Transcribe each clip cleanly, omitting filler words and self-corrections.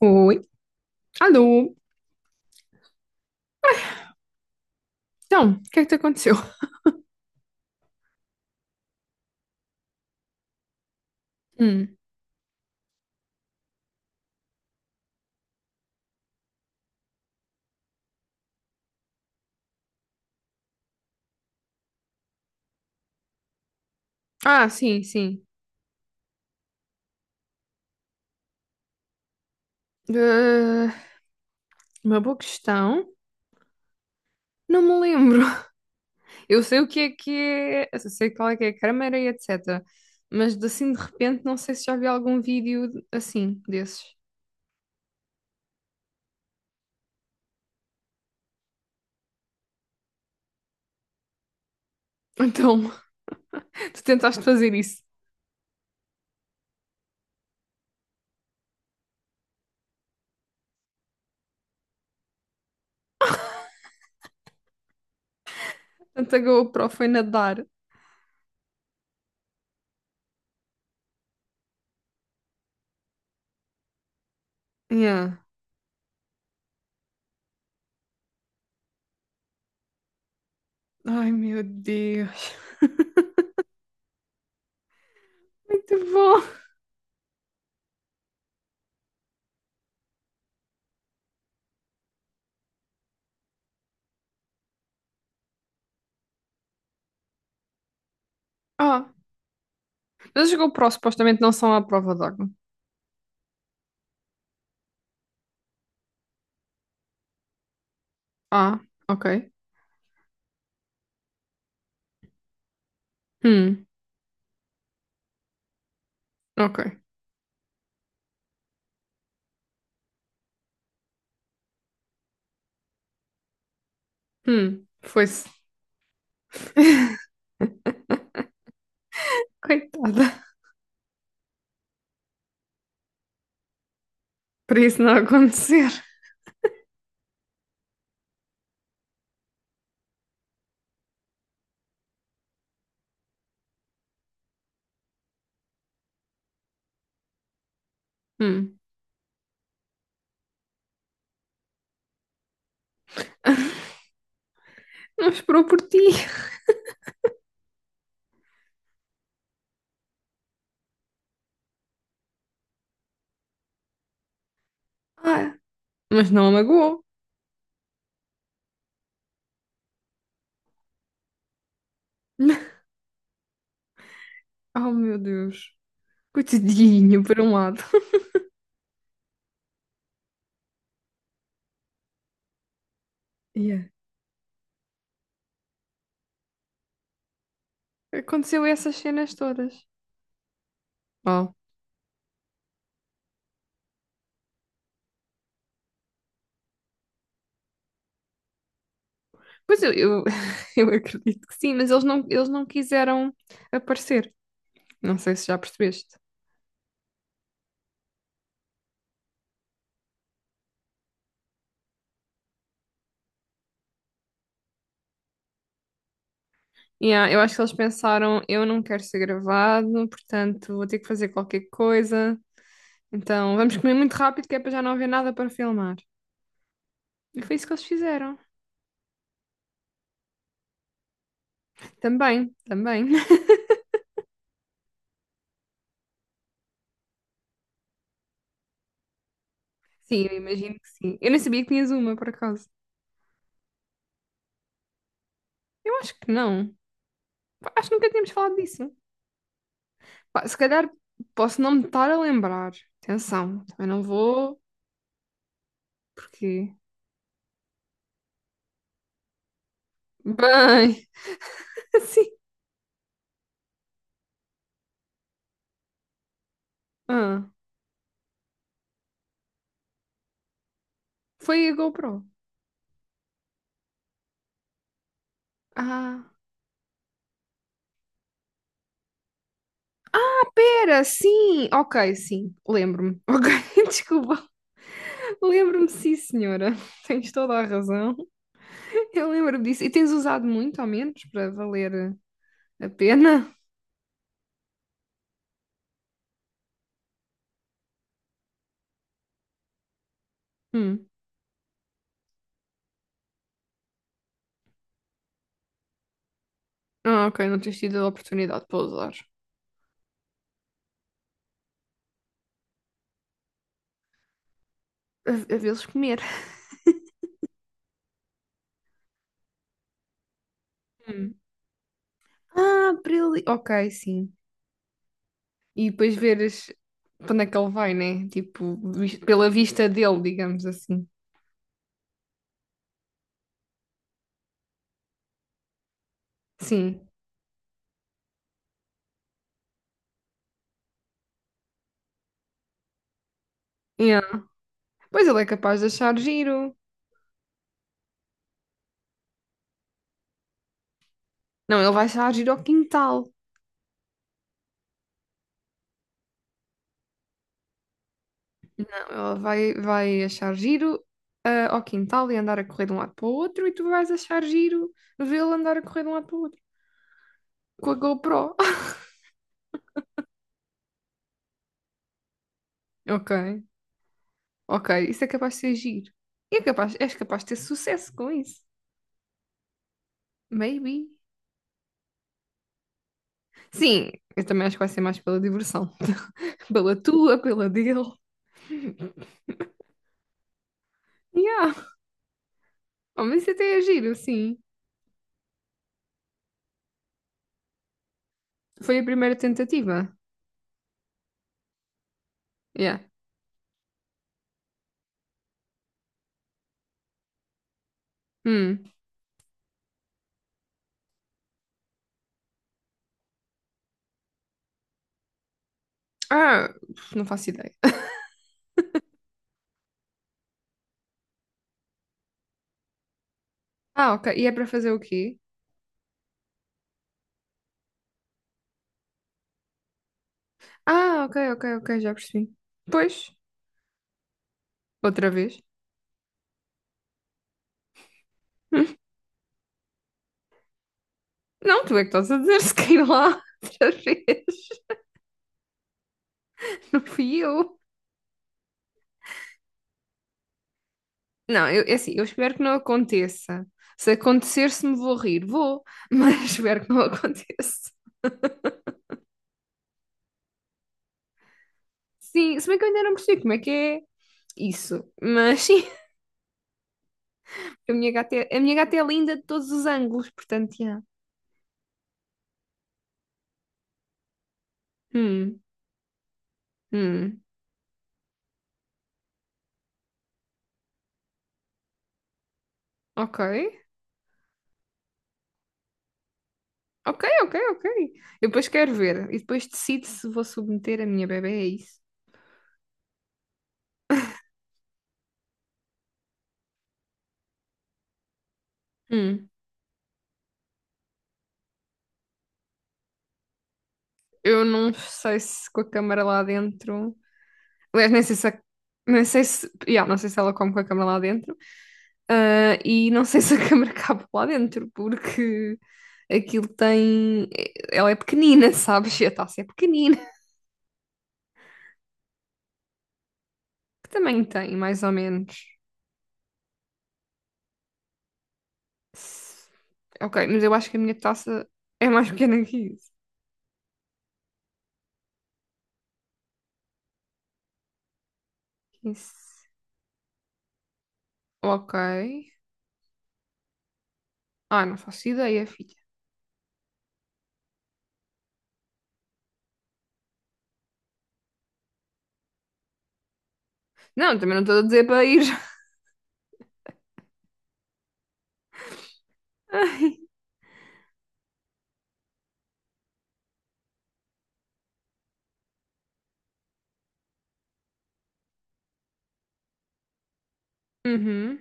Oi. Alô. Então, o que é que te aconteceu? Hum. Ah, sim, sim. Ah, uma boa questão. Não me lembro. Eu sei o que é, eu sei qual é que é a câmera e etc. Mas de assim de repente não sei se já vi algum vídeo assim desses. Então, tu tentaste fazer isso. Tanto a GoPro foi nadar. Yeah. Ai meu Deus. Muito bom. Ah, mas as GoPro supostamente não são à prova d'água. Ah, ok. Hum, ok. Foi. Coitada. Para isso não acontecer. Hum. Não esperou por ti. Ah, mas não a magoou. Oh, meu Deus. Coitadinho, por um lado. Yeah. Aconteceu essas cenas todas. Oh. Pois eu, eu acredito que sim, mas eles não quiseram aparecer. Não sei se já percebeste. Yeah, eu acho que eles pensaram, eu não quero ser gravado, portanto vou ter que fazer qualquer coisa. Então vamos comer muito rápido, que é para já não haver nada para filmar. E foi isso que eles fizeram. Também, também. Sim, eu imagino que sim. Eu nem sabia que tinhas uma, por acaso. Eu acho que não. Pá, acho que nunca tínhamos falado disso. Pá, se calhar posso não me estar a lembrar. Atenção, também não vou, porque. Bem, assim. Ah, foi a GoPro. Ah, era, sim. Ok, sim, lembro-me. Ok, desculpa. Lembro-me, sim, senhora. Tens toda a razão. Eu lembro-me disso. E tens usado muito, ao menos, para valer a pena? Hum. Ah, ok, não tens tido a oportunidade para usar. A vê-los comer. Hum. Ah, para ele. Ok, sim. E depois veres para onde é que ele vai, né? Tipo, vis- pela vista dele, digamos assim. Sim. Yeah. Pois ele é capaz de achar giro. Não, ele vai achar giro ao quintal. Não, ele vai, vai achar giro ao quintal e andar a correr de um lado para o outro e tu vais achar giro vê-lo andar a correr de um lado para o outro com a GoPro. Ok. Ok, isso é capaz de ser giro. E é capaz, és capaz de ter sucesso com isso. Maybe. Sim, eu também acho que vai ser mais pela diversão. Pela tua, pela dele. Yeah. Oh, mas isso até é giro, sim. Foi a primeira tentativa. Yeah. Hum. Ah, não faço ideia. Ah, ok. E é para fazer o quê? Ah, ok, ok, ok, já percebi. Pois, outra vez. Hum. Não, tu é que estás a dizer se quer ir lá outra vez. Não fui eu. Não, eu, é assim, eu espero que não aconteça. Se acontecer, se me vou rir, vou, mas espero que não aconteça. Sim, se bem que eu ainda não percebi como é que é isso. Mas sim, a minha gata é, a minha gata é linda de todos os ângulos, portanto, yeah. Hum, hum, ok. Ok, ok, ok. Eu depois quero ver e depois decido se vou submeter a minha bebé a isso. Hum, eu não sei se com a câmara lá dentro. Aliás, nem sei se a- nem sei se, yeah, não sei se ela come com a câmara lá dentro. Ah, e não sei se a câmara cabe lá dentro, porque aquilo tem. É, ela é pequenina, sabes? E a taça é pequenina. Que tamanho tem, mais ou menos? S- Ok, mas eu acho que a minha taça é mais pequena que isso. Isso. Ok. Ah, não faço ideia, filha. Não, também não estou a dizer para ir. Ai. Uhum.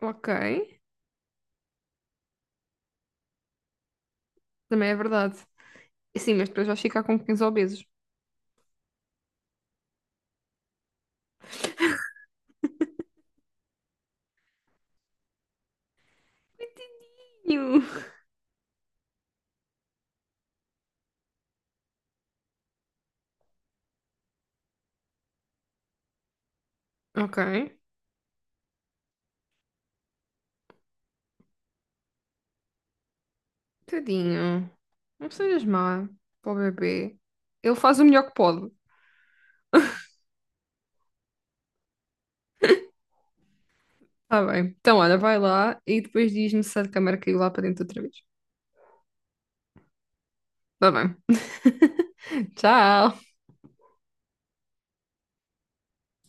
Ok. Também é verdade. Sim, mas depois vais ficar com 15 obesos. Coitadinho. Ok. Tadinho. Não sejas má para o bebê. Ele faz o melhor que pode. Tá bem. Então, olha, vai lá e depois diz-me se a câmera caiu lá para dentro outra vez. Tá bem. Tchau.